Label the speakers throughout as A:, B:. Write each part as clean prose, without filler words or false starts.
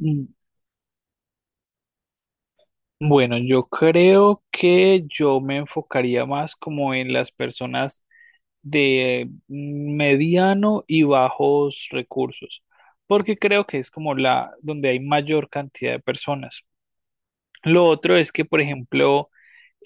A: Mm, Bueno, yo creo que yo me enfocaría más como en las personas de mediano y bajos recursos, porque creo que es como la donde hay mayor cantidad de personas. Lo otro es que, por ejemplo,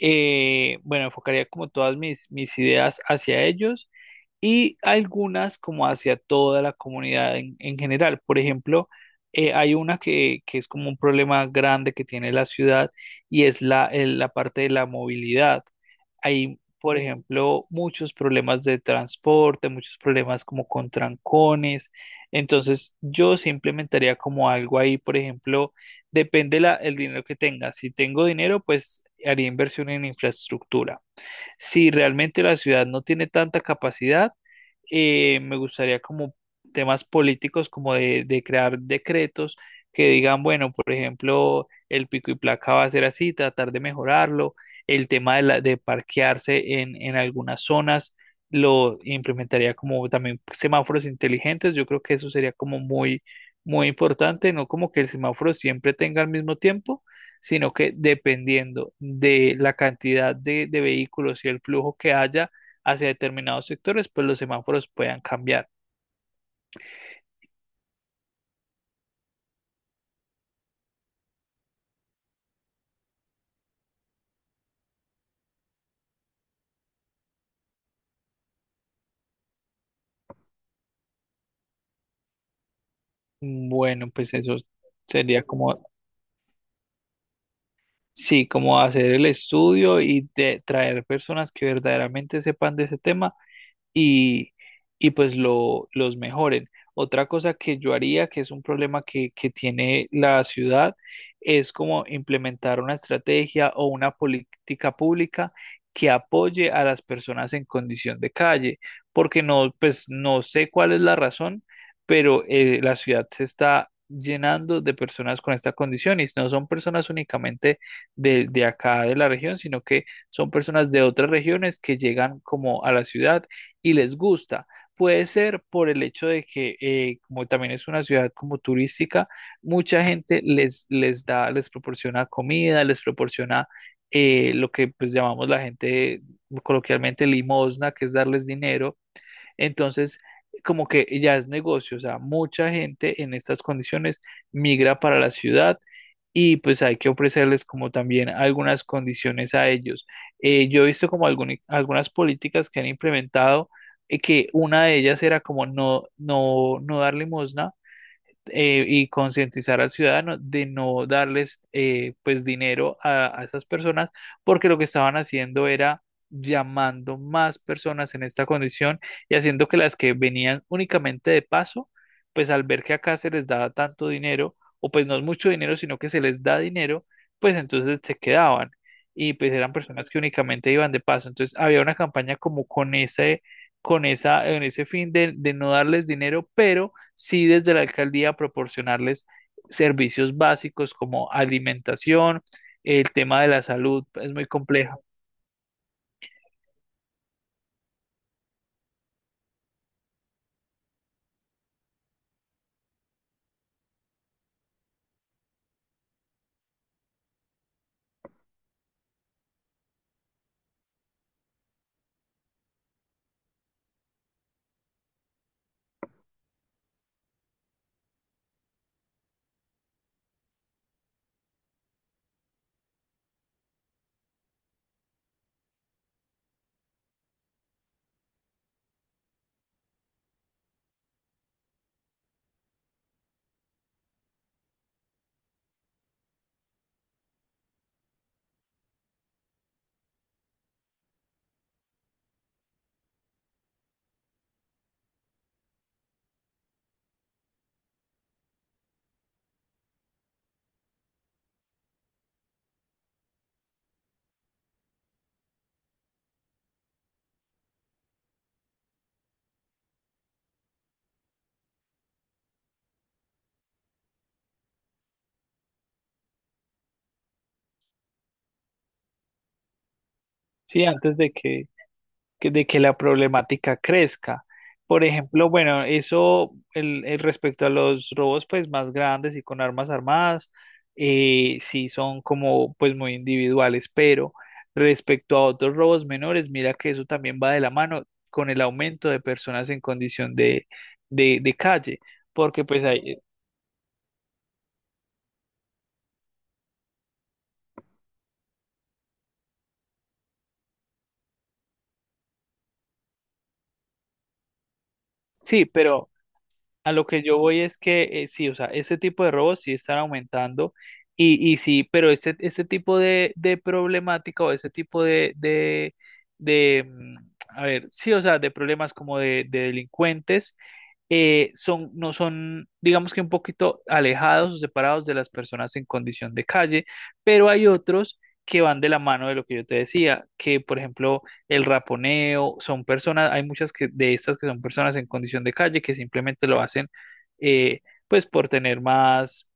A: bueno, enfocaría como todas mis ideas hacia ellos y algunas como hacia toda la comunidad en general. Por ejemplo, hay una que es como un problema grande que tiene la ciudad y es la parte de la movilidad. Hay, por ejemplo, muchos problemas de transporte, muchos problemas como con trancones. Entonces, yo se implementaría como algo ahí, por ejemplo, depende el dinero que tenga. Si tengo dinero, pues haría inversión en infraestructura. Si realmente la ciudad no tiene tanta capacidad, me gustaría como temas políticos, como de crear decretos que digan, bueno, por ejemplo, el pico y placa va a ser así, tratar de mejorarlo, el tema de parquearse en algunas zonas, lo implementaría como también semáforos inteligentes, yo creo que eso sería como muy importante, no como que el semáforo siempre tenga el mismo tiempo sino que dependiendo de la cantidad de vehículos y el flujo que haya hacia determinados sectores, pues los semáforos puedan cambiar. Bueno, pues eso sería como, sí, como hacer el estudio y traer personas que verdaderamente sepan de ese tema y, y pues los mejoren. Otra cosa que yo haría, que es un problema que tiene la ciudad, es como implementar una estrategia o una política pública que apoye a las personas en condición de calle, porque no, pues no sé cuál es la razón, pero la ciudad se está llenando de personas con esta condición y no son personas únicamente de acá de la región, sino que son personas de otras regiones que llegan como a la ciudad y les gusta. Puede ser por el hecho de que, como también es una ciudad como turística, mucha gente les da, les proporciona comida, les proporciona lo que pues llamamos la gente coloquialmente limosna, que es darles dinero entonces, como que ya es negocio, o sea, mucha gente en estas condiciones migra para la ciudad y pues hay que ofrecerles como también algunas condiciones a ellos. Yo he visto como algunas políticas que han implementado que una de ellas era como no dar limosna y concientizar al ciudadano de no darles pues dinero a esas personas porque lo que estaban haciendo era llamando más personas en esta condición y haciendo que las que venían únicamente de paso, pues al ver que acá se les daba tanto dinero, o pues no es mucho dinero, sino que se les da dinero, pues entonces se quedaban y pues eran personas que únicamente iban de paso. Entonces había una campaña como con en ese fin de no darles dinero, pero sí desde la alcaldía proporcionarles servicios básicos como alimentación, el tema de la salud es muy complejo. Sí, antes de que de que la problemática crezca. Por ejemplo, bueno, eso el respecto a los robos pues más grandes y con armas armadas, sí son como pues muy individuales, pero respecto a otros robos menores, mira que eso también va de la mano con el aumento de personas en condición de calle, porque pues hay, sí, pero... A lo que yo voy es que sí, o sea, este tipo de robos sí están aumentando y sí, pero este tipo de problemática o este tipo a ver, sí, o sea, de problemas como de delincuentes no son, digamos que un poquito alejados o separados de las personas en condición de calle, pero hay otros que van de la mano de lo que yo te decía, que por ejemplo el raponeo, son personas, hay muchas que, de estas que son personas en condición de calle que simplemente lo hacen eh, pues por tener más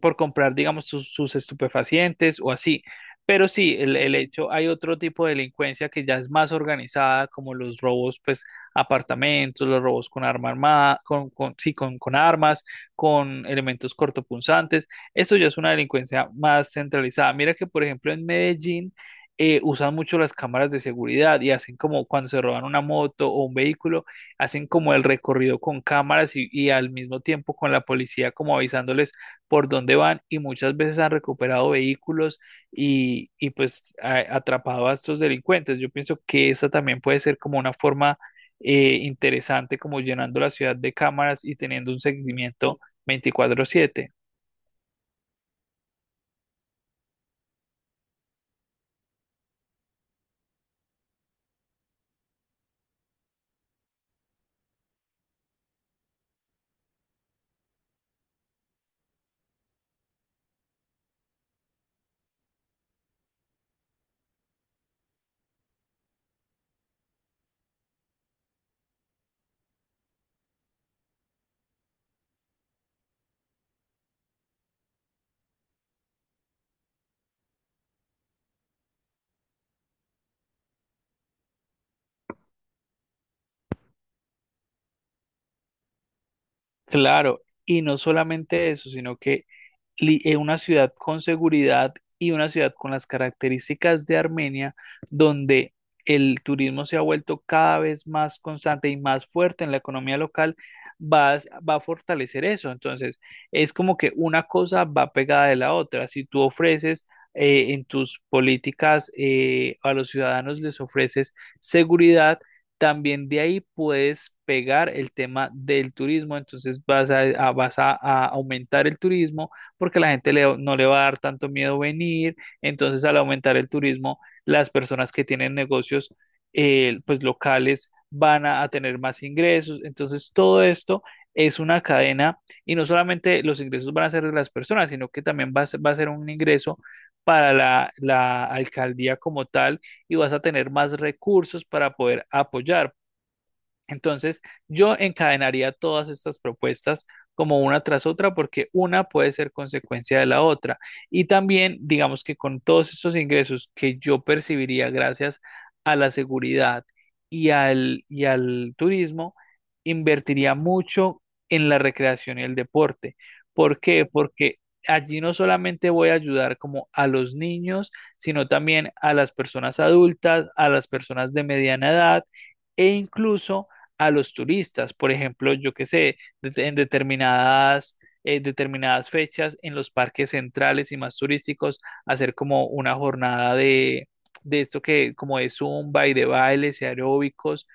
A: por comprar, digamos, sus estupefacientes o así. Pero sí, el hecho, hay otro tipo de delincuencia que ya es más organizada, como los robos, pues, a apartamentos, los robos con arma armada, con armas, con elementos cortopunzantes. Eso ya es una delincuencia más centralizada. Mira que, por ejemplo, en Medellín usan mucho las cámaras de seguridad y hacen como cuando se roban una moto o un vehículo, hacen como el recorrido con cámaras y al mismo tiempo con la policía como avisándoles, por dónde van y muchas veces han recuperado vehículos y pues atrapado a estos delincuentes. Yo pienso que esa también puede ser como una forma interesante, como llenando la ciudad de cámaras y teniendo un seguimiento 24/7. Claro, y no solamente eso, sino que una ciudad con seguridad y una ciudad con las características de Armenia, donde el turismo se ha vuelto cada vez más constante y más fuerte en la economía local, va a, va a fortalecer eso. Entonces, es como que una cosa va pegada de la otra. Si tú ofreces... en tus políticas a los ciudadanos les ofreces seguridad, también de ahí puedes pegar el tema del turismo, entonces vas a aumentar el turismo, porque la gente no le va a dar tanto miedo venir. Entonces, al aumentar el turismo, las personas que tienen negocios pues locales van a tener más ingresos. Entonces, todo esto es una cadena y no solamente los ingresos van a ser de las personas, sino que también va a ser un ingreso para la alcaldía como tal y vas a tener más recursos para poder apoyar. Entonces, yo encadenaría todas estas propuestas como una tras otra porque una puede ser consecuencia de la otra. Y también, digamos que con todos estos ingresos que yo percibiría gracias a la seguridad y al turismo, invertiría mucho en la recreación y el deporte. ¿Por qué? Porque allí no solamente voy a ayudar como a los niños, sino también a las personas adultas, a las personas de mediana edad e incluso a los turistas. Por ejemplo, yo qué sé, determinadas fechas en los parques centrales y más turísticos, hacer como una jornada de esto que como de zumba y de bailes y aeróbicos,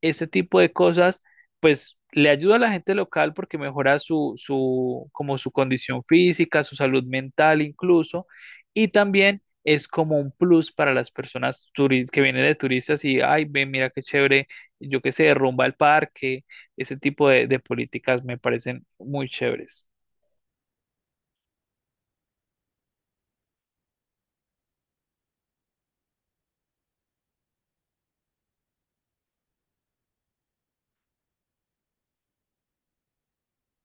A: este tipo de cosas, pues le ayuda a la gente local porque mejora como su condición física, su salud mental incluso, y también es como un plus para las personas que vienen de turistas y, ay, ven, mira qué chévere yo qué sé, rumba al parque, ese tipo de políticas me parecen muy chéveres.